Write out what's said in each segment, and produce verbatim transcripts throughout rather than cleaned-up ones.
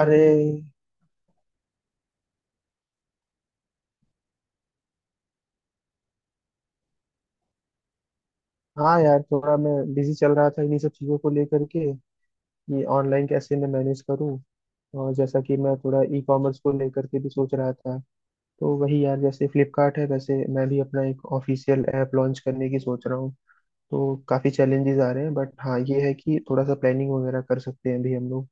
अरे हाँ यार, थोड़ा मैं बिजी चल रहा था इन्हीं सब चीज़ों को लेकर के। ये ऑनलाइन कैसे मैं मैनेज करूँ। और जैसा कि मैं थोड़ा ई कॉमर्स को लेकर के भी सोच रहा था, तो वही यार जैसे फ्लिपकार्ट है वैसे मैं भी अपना एक ऑफिशियल ऐप लॉन्च करने की सोच रहा हूँ। तो काफ़ी चैलेंजेस आ रहे हैं, बट हाँ ये है कि थोड़ा सा प्लानिंग वगैरह कर सकते हैं अभी हम लोग।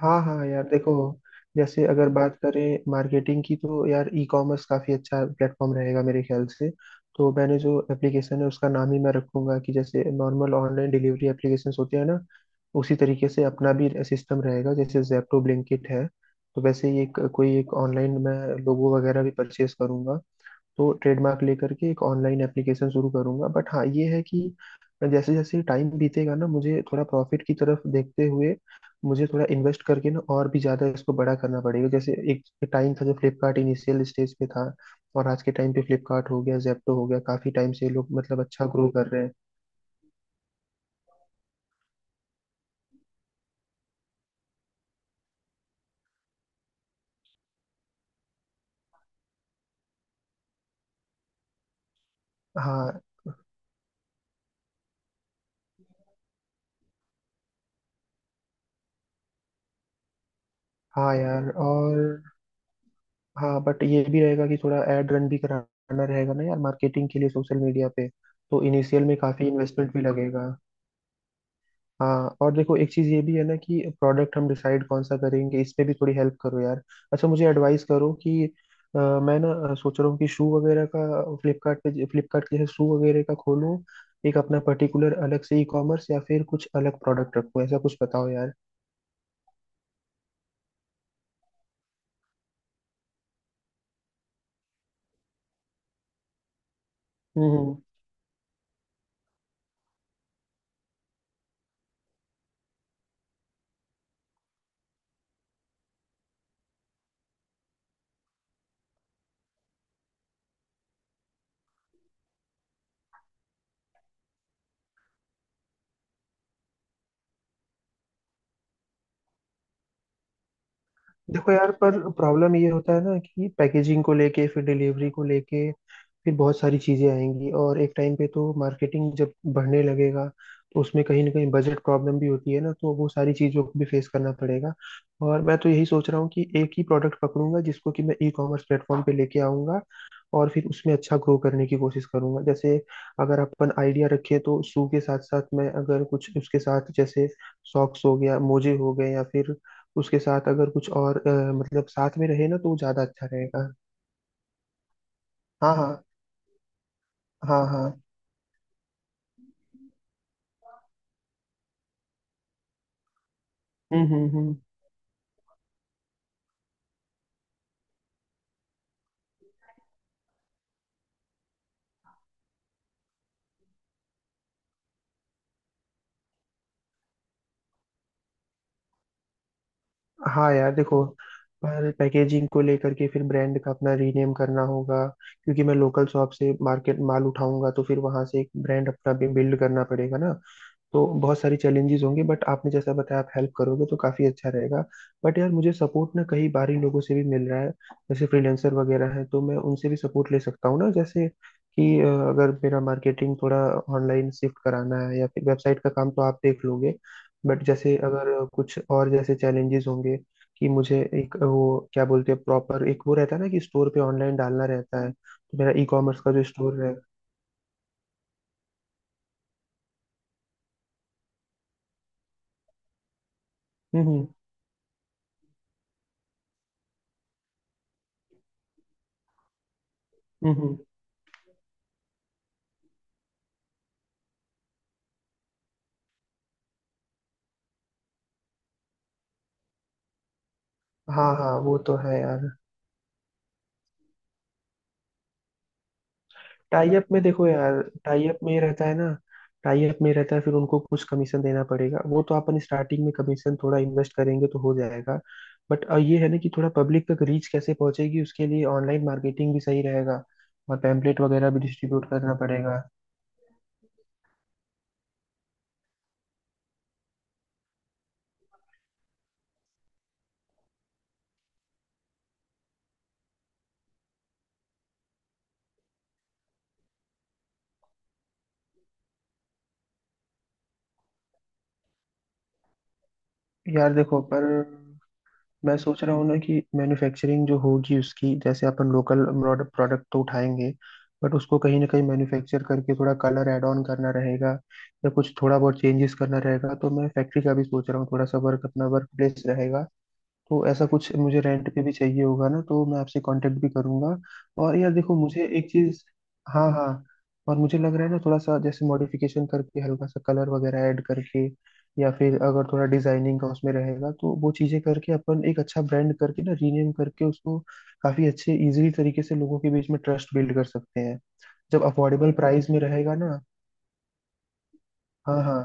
हाँ हाँ यार, देखो जैसे अगर बात करें मार्केटिंग की, तो यार ई कॉमर्स काफ़ी अच्छा प्लेटफॉर्म रहेगा मेरे ख्याल से। तो मैंने जो एप्लीकेशन है उसका नाम ही मैं रखूंगा कि जैसे नॉर्मल ऑनलाइन डिलीवरी एप्लीकेशंस होते हैं ना, उसी तरीके से अपना भी सिस्टम रहेगा, जैसे जैप्टो ब्लिंकिट है। तो वैसे ही एक कोई एक ऑनलाइन मैं लोगो वगैरह भी परचेज करूंगा। तो ट्रेडमार्क लेकर के एक ऑनलाइन एप्लीकेशन शुरू करूंगा, बट हाँ ये है कि जैसे जैसे टाइम बीतेगा ना, मुझे थोड़ा प्रॉफिट की तरफ देखते हुए मुझे थोड़ा इन्वेस्ट करके ना और भी ज्यादा इसको बड़ा करना पड़ेगा। जैसे एक टाइम था जब फ्लिपकार्ट इनिशियल स्टेज पे था, और आज के टाइम पे फ्लिपकार्ट हो गया जेप्टो हो गया, काफी टाइम से लोग मतलब अच्छा ग्रो कर रहे हैं। हाँ हाँ यार, और हाँ बट ये भी रहेगा कि थोड़ा एड रन भी कराना रहेगा ना यार मार्केटिंग के लिए सोशल मीडिया पे। तो इनिशियल में काफी इन्वेस्टमेंट भी लगेगा। हाँ, और देखो एक चीज ये भी है ना कि प्रोडक्ट हम डिसाइड कौन सा करेंगे, इस पे भी थोड़ी हेल्प करो यार। अच्छा मुझे एडवाइस करो कि अ, मैं ना अ, सोच रहा हूँ कि शू वगैरह का फ्लिपकार्ट पे फ्लिपकार्ट जैसे शू वगैरह का खोलूँ। एक अपना पर्टिकुलर अलग से ई कॉमर्स या फिर कुछ अलग प्रोडक्ट रखूँ, ऐसा कुछ बताओ यार। हम्म। देखो यार, पर प्रॉब्लम ये होता है ना कि पैकेजिंग को लेके फिर डिलीवरी को लेके फिर बहुत सारी चीजें आएंगी, और एक टाइम पे तो मार्केटिंग जब बढ़ने लगेगा तो उसमें कहीं ना कहीं बजट प्रॉब्लम भी होती है ना, तो वो सारी चीजों को भी फेस करना पड़ेगा। और मैं तो यही सोच रहा हूँ कि एक ही प्रोडक्ट पकड़ूंगा जिसको कि मैं ई कॉमर्स प्लेटफॉर्म पे लेके आऊंगा, और फिर उसमें अच्छा ग्रो करने की कोशिश करूंगा। जैसे अगर अपन आइडिया रखें, तो शू के साथ साथ मैं अगर कुछ उसके साथ, जैसे सॉक्स हो गया मोजे हो गए, या फिर उसके साथ अगर कुछ और अ, मतलब साथ में रहे ना तो वो ज्यादा अच्छा रहेगा। हाँ हाँ हाँ हाँ। हम्म हम्म हम्म। हाँ यार, देखो पर पैकेजिंग को लेकर के फिर ब्रांड का अपना रीनेम करना होगा, क्योंकि मैं लोकल शॉप से मार्केट माल उठाऊंगा, तो फिर वहां से एक ब्रांड अपना बिल्ड करना पड़ेगा ना। तो बहुत सारी चैलेंजेस होंगे, बट आपने जैसा बताया आप हेल्प करोगे तो काफी अच्छा रहेगा। बट यार, मुझे सपोर्ट ना कई बार ही लोगों से भी मिल रहा है, जैसे फ्रीलांसर वगैरह हैं तो मैं उनसे भी सपोर्ट ले सकता हूँ ना। जैसे कि अ, अगर मेरा मार्केटिंग थोड़ा ऑनलाइन शिफ्ट कराना है या फिर वेबसाइट का काम, तो आप देख लोगे। बट जैसे अगर कुछ और जैसे चैलेंजेस होंगे कि मुझे एक वो क्या बोलते हैं प्रॉपर एक वो रहता है ना कि स्टोर पे ऑनलाइन डालना रहता है, तो मेरा ई कॉमर्स का जो स्टोर है। हम्म हम्म हम्म, हम्म। हाँ हाँ, वो तो है यार। टाई अप में देखो यार, टाई अप में ये रहता है ना, टाई अप में रहता है फिर उनको कुछ कमीशन देना पड़ेगा, वो तो अपन स्टार्टिंग में कमीशन थोड़ा इन्वेस्ट करेंगे तो हो जाएगा। बट ये है ना कि थोड़ा पब्लिक तक रीच कैसे पहुंचेगी, उसके लिए ऑनलाइन मार्केटिंग भी सही रहेगा, और पैम्पलेट वगैरह भी डिस्ट्रीब्यूट करना पड़ेगा। यार देखो, पर मैं सोच रहा हूँ ना कि मैन्युफैक्चरिंग जो होगी उसकी, जैसे अपन लोकल प्रोडक्ट तो उठाएंगे, बट उसको कहीं ना कहीं मैन्युफैक्चर करके थोड़ा कलर ऐड ऑन करना रहेगा, या कुछ थोड़ा बहुत चेंजेस करना रहेगा, तो मैं फैक्ट्री का भी सोच रहा हूँ। थोड़ा सा वर्क अपना वर्क प्लेस रहेगा, तो ऐसा कुछ मुझे रेंट पे भी चाहिए होगा ना, तो मैं आपसे कांटेक्ट भी करूंगा। और यार देखो, मुझे एक चीज। हाँ हाँ। और मुझे लग रहा है ना, थोड़ा सा जैसे मॉडिफिकेशन करके हल्का सा कलर वगैरह ऐड करके या फिर अगर थोड़ा डिजाइनिंग का उसमें रहेगा तो वो चीजें करके अपन एक अच्छा ब्रांड करके ना रीनेम करके उसको, काफी अच्छे इजीली तरीके से लोगों के बीच में ट्रस्ट बिल्ड कर सकते हैं, जब अफोर्डेबल प्राइस में रहेगा ना। हाँ हाँ।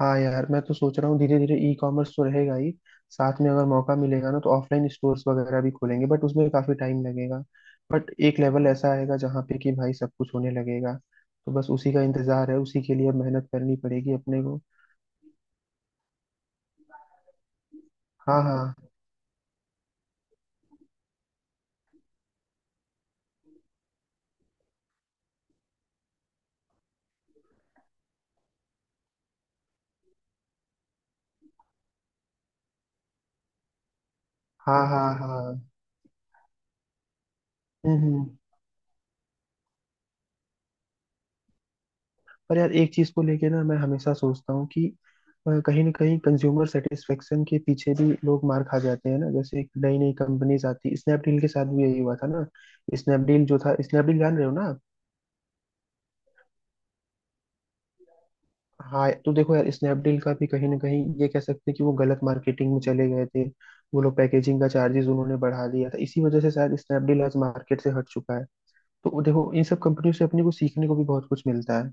हाँ यार, मैं तो सोच रहा हूँ धीरे धीरे ई कॉमर्स तो रहेगा ही, साथ में अगर मौका मिलेगा ना तो ऑफलाइन स्टोर्स वगैरह भी खोलेंगे, बट उसमें काफी टाइम लगेगा। बट एक लेवल ऐसा आएगा जहाँ पे कि भाई सब कुछ होने लगेगा, तो बस उसी का इंतजार है, उसी के लिए अब मेहनत करनी पड़ेगी अपने को। हाँ हाँ हाँ हाँ हाँ। हम्म हम्म। पर यार, एक चीज को लेके ना मैं हमेशा सोचता हूँ कि अ, कहीं ना कहीं कंज्यूमर सेटिस्फेक्शन के पीछे भी लोग मार खा जाते हैं ना। जैसे नई नई कंपनीज आती, स्नैपडील के साथ भी यही हुआ था ना। स्नैपडील जो था, स्नैपडील जान रहे हो ना। हाँ, तो देखो यार स्नैपडील का भी कहीं ना कहीं ये कह सकते हैं कि वो गलत मार्केटिंग में चले गए थे। वो लोग पैकेजिंग का चार्जेस उन्होंने बढ़ा दिया था, इसी वजह से शायद स्नैपडील आज मार्केट से हट चुका है। तो देखो इन सब कंपनियों से अपने को सीखने को भी बहुत कुछ मिलता है।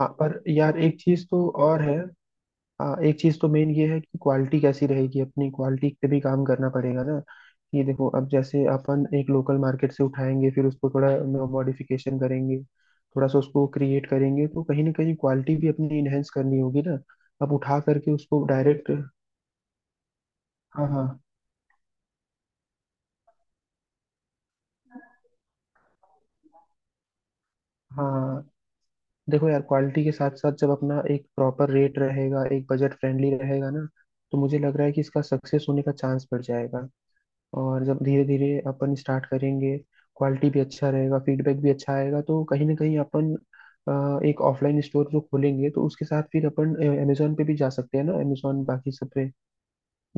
हाँ पर यार एक चीज तो और है। हाँ एक चीज तो मेन ये है कि क्वालिटी कैसी रहेगी, अपनी क्वालिटी पे भी काम करना पड़ेगा ना। ये देखो, अब जैसे अपन एक लोकल मार्केट से उठाएंगे फिर उसको थोड़ा मॉडिफिकेशन करेंगे, थोड़ा सा उसको क्रिएट करेंगे, तो कहीं ना कहीं क्वालिटी भी अपनी इनहेंस करनी होगी ना। अब उठा करके उसको डायरेक्ट। हाँ हाँ। हाँ देखो यार, क्वालिटी के साथ साथ जब अपना एक प्रॉपर रेट रहेगा, एक बजट फ्रेंडली रहेगा ना, तो मुझे लग रहा है कि इसका सक्सेस होने का चांस बढ़ जाएगा। और जब धीरे धीरे अपन स्टार्ट करेंगे, क्वालिटी भी अच्छा रहेगा फीडबैक भी अच्छा आएगा, तो कहीं ना कहीं अपन अ, एक ऑफलाइन स्टोर जो खोलेंगे तो उसके साथ फिर अपन अमेजोन पे भी जा सकते हैं ना, अमेजोन बाकी सब पे,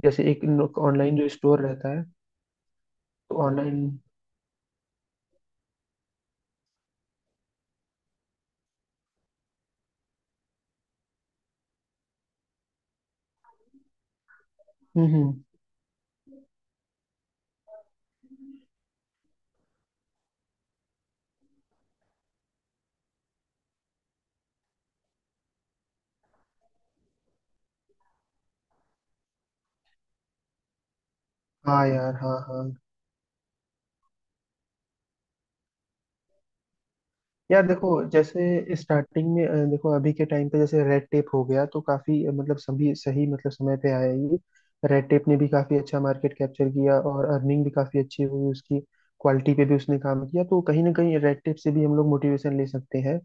जैसे एक ऑनलाइन जो स्टोर रहता है। तो ऑनलाइन। हम्म हम्म। हाँ यार। हाँ हाँ यार देखो, जैसे स्टार्टिंग में अ, देखो अभी के टाइम पे जैसे रेड टेप हो गया, तो काफी अ, मतलब सभी सही मतलब समय पे आया ये। रेड टेप ने भी काफी अच्छा मार्केट कैप्चर किया और अर्निंग भी काफी अच्छी हुई उसकी, क्वालिटी पे भी उसने काम किया, तो कहीं ना कहीं रेड टेप से भी हम लोग मोटिवेशन ले सकते हैं।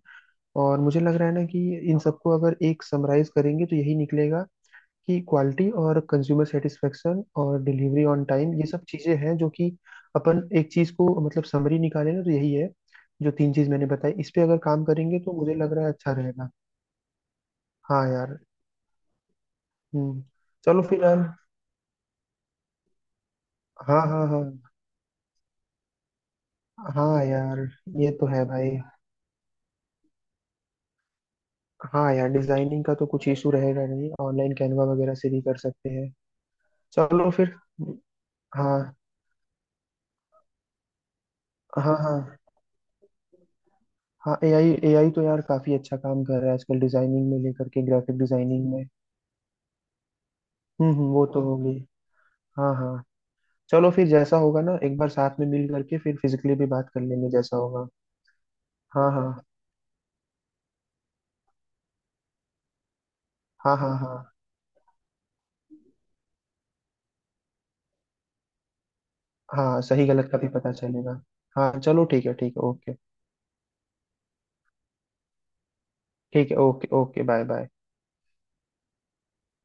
और मुझे लग रहा है ना कि इन सबको अगर एक समराइज करेंगे तो यही निकलेगा, कि क्वालिटी और कंज्यूमर सेटिस्फेक्शन और डिलीवरी ऑन टाइम, ये सब चीज़ें हैं जो कि अपन एक चीज़ को मतलब समरी निकाले ना तो यही है। जो तीन चीज़ मैंने बताई इस पे अगर काम करेंगे, तो मुझे लग रहा है अच्छा रहेगा। हाँ यार। हम्म। चलो फिर यार। हाँ हाँ हाँ। हाँ यार ये तो है भाई। हाँ यार, डिजाइनिंग का तो कुछ इशू रहेगा नहीं, ऑनलाइन कैनवा वगैरह से भी कर सकते हैं। चलो फिर। हाँ हाँ। हाँ हाँ ए आई ए आई तो यार काफी अच्छा काम कर रहा है आजकल डिजाइनिंग में, लेकर के ग्राफिक डिजाइनिंग में। हम्म हम्म, वो तो होगी। हाँ हाँ। चलो फिर, जैसा होगा ना एक बार साथ में मिल करके फिर फिजिकली भी बात कर लेंगे जैसा होगा। हाँ हाँ हाँ हाँ हाँ। हाँ सही गलत का भी पता चलेगा। हाँ चलो, ठीक है ठीक है ओके। ठीक है ओके ओके, बाय बाय।